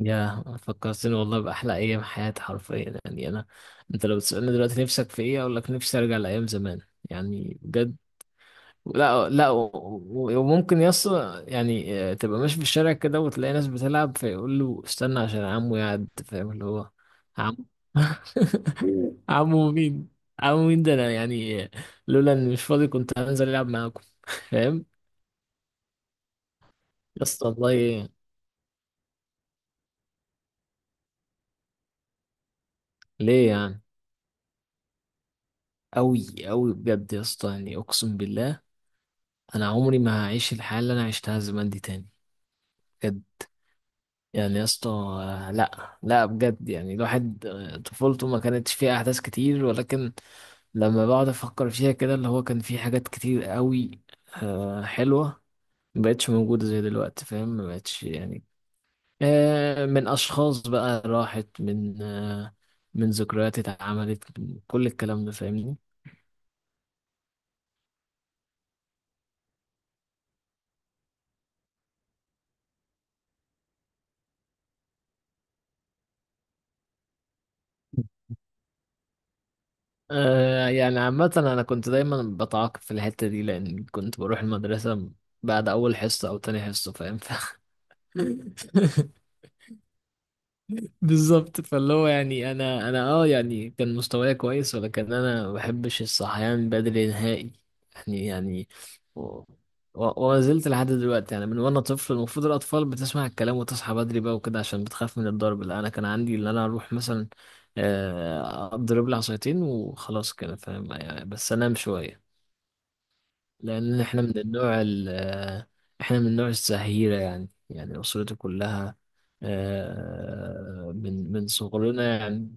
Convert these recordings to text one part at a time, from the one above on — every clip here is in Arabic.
يا فكرتني والله بأحلى أيام حياتي حرفيا، يعني أنا أنت لو بتسألني دلوقتي نفسك في إيه أقول لك نفسي أرجع لأيام زمان، يعني بجد. لا و- و- وممكن يص، تبقى ماشي في الشارع كده وتلاقي ناس بتلعب فيقول له استنى عشان عمو يعد، فاهم اللي هو عمو؟ عمو مين؟ عمو مين ده؟ أنا يعني آه، لولا إني مش فاضي كنت هنزل ألعب معاكم، فاهم؟ يا اسطى والله. ليه يعني؟ أوي أوي بجد يا اسطى، يعني أقسم بالله انا عمري ما هعيش الحياه اللي انا عشتها زمان دي تاني. بجد. يعني يا اسطى آه، لا بجد، يعني الواحد طفولته ما كانتش فيها احداث كتير، ولكن لما بقعد افكر فيها كده اللي هو كان في حاجات كتير قوي حلوه، ما بقتش موجوده زي دلوقتي، فاهم؟ ما بقتش يعني. من اشخاص بقى راحت، من ذكريات اتعملت، من كل الكلام ده، فاهمني؟ يعني عامة أنا كنت دايما بتعاقب في الحتة دي لأن كنت بروح المدرسة بعد أول حصة أو تاني حصة، فاهم؟ بالظبط. فاللي هو يعني أنا يعني كان مستواي كويس ولكن أنا ما بحبش الصحيان بدري نهائي. يعني و... و... وما زلت لحد دلوقتي، يعني من وأنا طفل المفروض الأطفال بتسمع الكلام وتصحى بدري بقى وكده عشان بتخاف من الضرب. لا، أنا كان عندي إن أنا أروح مثلا اضرب لي عصايتين وخلاص كده، فاهم؟ يعني بس انام شويه، لأن إحنا من النوع إحنا من النوع الزهيرة، يعني يعني أسرتي كلها، من صغرنا يعني.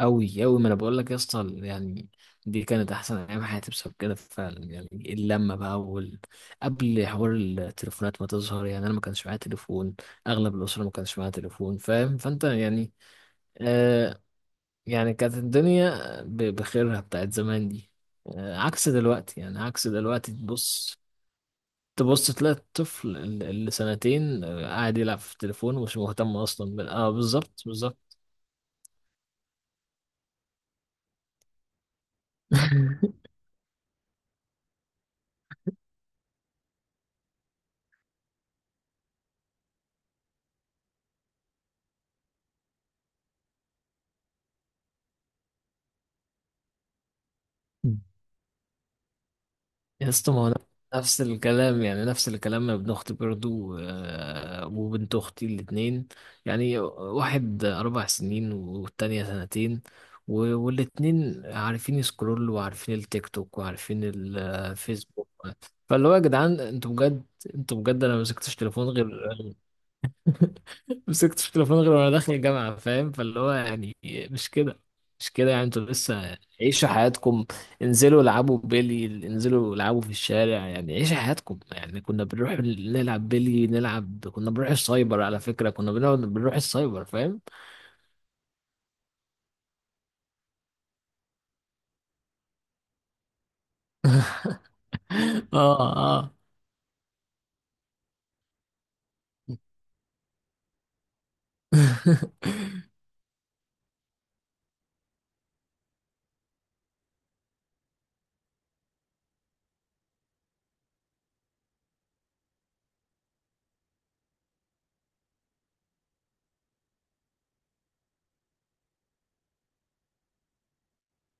أوي أوي، ما أنا بقول لك يا اسطى يعني دي كانت أحسن أيام حياتي بسبب كده فعلا، يعني اللمة بقى قبل حوار التليفونات ما تظهر. يعني أنا ما كانش معايا تليفون، أغلب الأسرة ما كانش معايا تليفون، فاهم؟ فأنت يعني آه يعني كانت الدنيا بخيرها بتاعت زمان دي عكس دلوقتي، يعني عكس دلوقتي. تبص، تبص تلاقي الطفل اللي سنتين قاعد يلعب في التليفون، ومش مهتم اصلا بال... اه بالظبط بالظبط. يا اسطى ما هو نفس الكلام، يعني نفس الكلام. ابن اختي برضو وبنت اختي الاتنين، يعني واحد 4 سنين والتانية سنتين، و- والاتنين عارفين يسكرول وعارفين التيك توك وعارفين الفيسبوك. فاللي هو يا جدعان انتوا بجد، انتوا بجد انا ما مسكتش تليفون غير مسكتش التليفون غير وانا داخل الجامعة، فاهم؟ فاللي هو يعني مش كده، مش كده، يعني انتوا لسه عيشوا حياتكم، انزلوا العبوا بيلي، انزلوا العبوا في الشارع، يعني عيشوا حياتكم. يعني كنا بنروح نلعب بيلي نلعب، كنا بنروح السايبر، على فكرة كنا بنقعد بنروح السايبر، فاهم؟ اه اه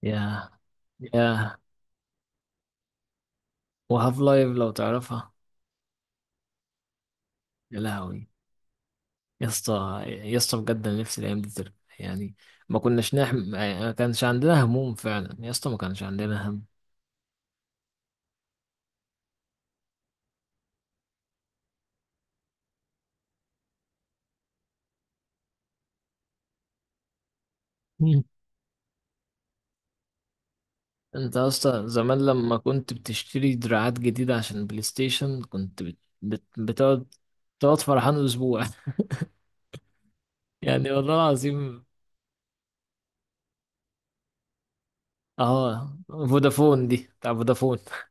يا يا وهاف لايف لو تعرفها. يا لهوي. يا اسطى يا اسطى بجد انا نفسي الايام دي ترجع، يعني ما كناش نحم، ما يعني كانش عندنا هموم فعلا، يا اسطى ما كانش عندنا هم. مم. انت يا اسطى زمان لما كنت بتشتري دراعات جديدة عشان بلاي ستيشن كنت بتقعد، تقعد فرحان اسبوع. يعني والله العظيم. اه فودافون، دي بتاع فودافون.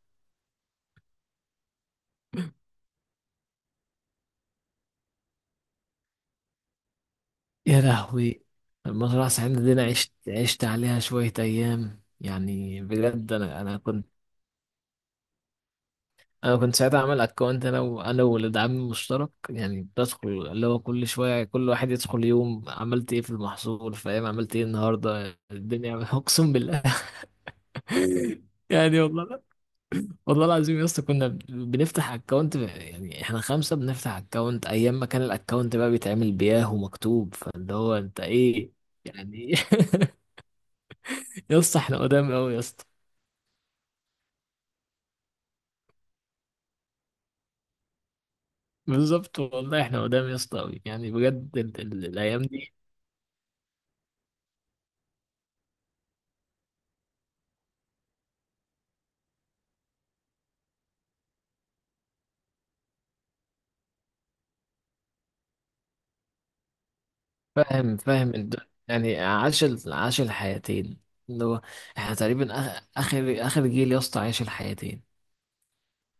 يا لهوي. المزرعة سعيدة دي انا عشت عليها شوية ايام، يعني بجد انا كنت. انا كنت ساعتها عامل اكونت انا والولد عمي مشترك، يعني بدخل اللي هو كل شويه كل واحد يدخل يوم عملت ايه في المحصول، فاهم؟ عملت ايه النهارده الدنيا. اقسم بالله. يعني والله، والله العظيم يا اسطى كنا بنفتح اكونت، يعني احنا خمسه بنفتح اكونت، ايام ما كان الاكونت بقى بيتعمل بياه ومكتوب، فاللي هو انت ايه يعني؟ إيه؟ يا اسطى احنا قدام قوي يا اسطى. بالظبط والله احنا قدام يا اسطى قوي، يعني بجد الايام دي. فاهم فاهم يعني عاش الحياتين، اللي هو احنا تقريبا اخر جيل يا اسطى عاش الحياتين،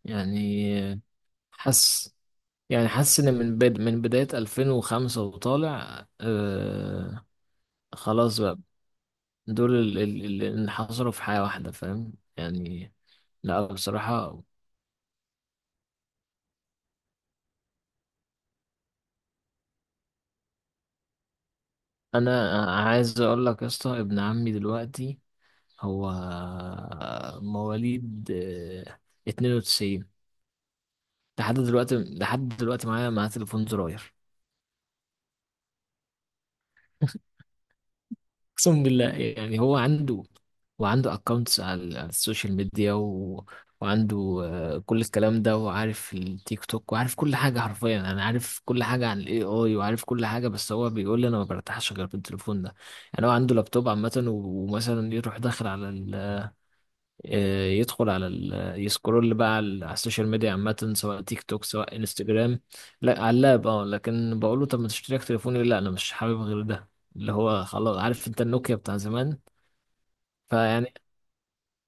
يعني حس يعني حاسس ان من بداية 2005 وطالع، آه خلاص بقى. دول اللي انحصروا في حياة واحدة، فاهم؟ يعني لا بصراحة. انا عايز اقول لك يا اسطى ابن عمي دلوقتي هو مواليد 92، لحد دلوقتي، لحد دلوقتي معاه تليفون زراير. اقسم بالله. يعني هو عنده، وعنده اكونتس على السوشيال ميديا وعنده كل الكلام ده، وعارف التيك توك وعارف كل حاجة حرفيا، انا عارف كل حاجة عن الاي اي وعارف كل حاجة، بس هو بيقول لي انا ما برتاحش غير بالتليفون ده. يعني هو عنده لابتوب عامة، ومثلا يروح داخل على يدخل يسكرول بقى على على السوشيال ميديا عامة، سواء تيك توك سواء انستجرام. لا على اللاب، اه. لكن بقول له طب ما تشتري تليفون، يقول لي لا انا مش حابب غير ده، اللي هو خلاص عارف انت النوكيا بتاع زمان. فيعني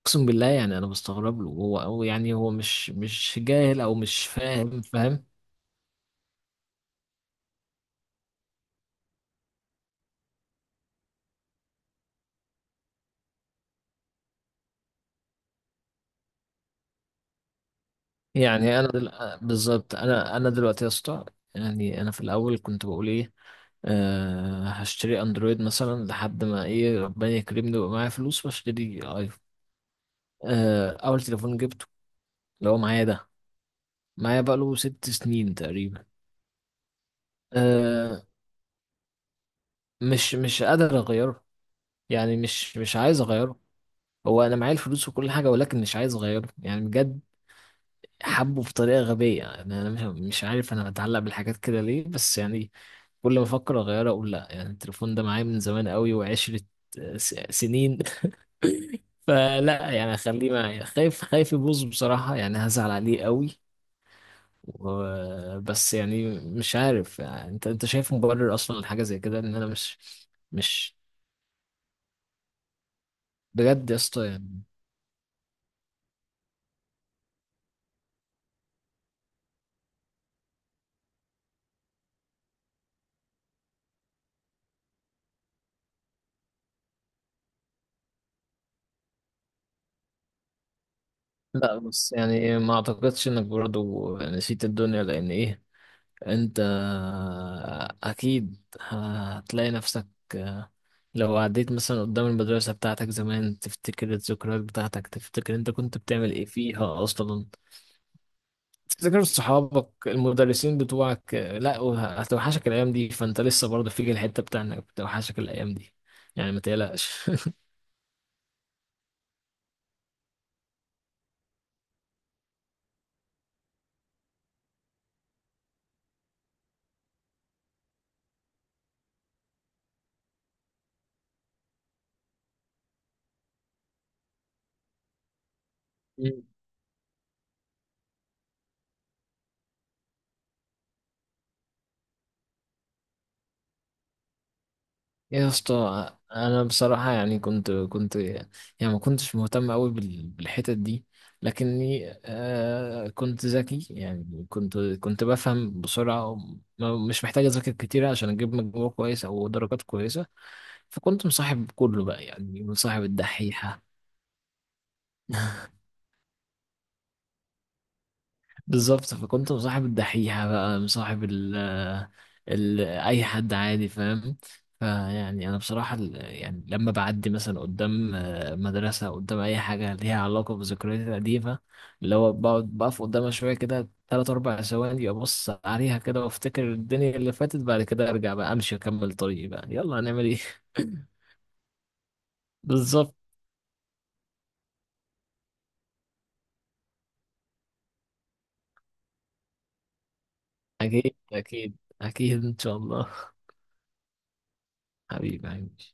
اقسم بالله يعني انا بستغرب له، هو يعني هو مش مش جاهل او مش فاهم، فاهم؟ يعني انا دل... آه، بالظبط. انا دلوقتي يا اسطى، يعني انا في الاول كنت بقول ايه هشتري اندرويد مثلا لحد ما ايه ربنا يكرمني ويبقى معايا فلوس واشتري. اول تليفون جبته اللي هو معايا ده، معايا بقاله 6 سنين تقريبا. آه، مش مش قادر اغيره، يعني مش مش عايز اغيره. هو انا معايا الفلوس وكل حاجه، ولكن مش عايز اغيره يعني بجد. حبه بطريقه غبيه، يعني انا مش مش عارف انا بتعلق بالحاجات كده ليه بس يعني، كل ما افكر اغيره اقول لا، يعني التليفون ده معايا من زمان قوي وعشره سنين. فلا يعني اخليه معايا، خايف خايف يبوظ بصراحه، يعني هزعل عليه قوي. بس يعني مش عارف، يعني انت شايف مبرر اصلا لحاجه زي كده؟ ان انا مش مش بجد يا اسطى يعني. لا بس يعني ما اعتقدش انك برضو نسيت الدنيا، لان ايه انت اكيد هتلاقي نفسك لو عديت مثلا قدام المدرسه بتاعتك زمان، تفتكر الذكريات بتاعتك، تفتكر انت كنت بتعمل ايه فيها اصلا، تفتكر صحابك المدرسين بتوعك، لا هتوحشك الايام دي، فانت لسه برضه فيك الحته بتاع انك بتوحشك الايام دي، يعني ما تقلقش. مم. يا اسطى انا بصراحه يعني كنت يعني ما كنتش مهتم قوي بالحتت دي، لكني آه كنت ذكي، يعني كنت بفهم بسرعه، مش محتاج اذاكر كتير عشان اجيب مجموع كويس او درجات كويسه. فكنت مصاحب كله بقى، يعني مصاحب الدحيحه. بالظبط. فكنت مصاحب الدحيحة بقى، مصاحب ال ال أي حد عادي، فاهم؟ فيعني أنا بصراحة يعني لما بعدي مثلا قدام مدرسة قدام أي حاجة ليها علاقة بذكرياتي القديمة، اللي هو بقعد بقف قدامها شوية كده 3 أربع ثواني، أبص عليها كده وأفتكر الدنيا اللي فاتت، بعد كده أرجع بقى أمشي أكمل طريقي، بقى يلا هنعمل إيه. بالظبط. أكيد أكيد، أكيد إن شاء الله. حبيبي حبيبي.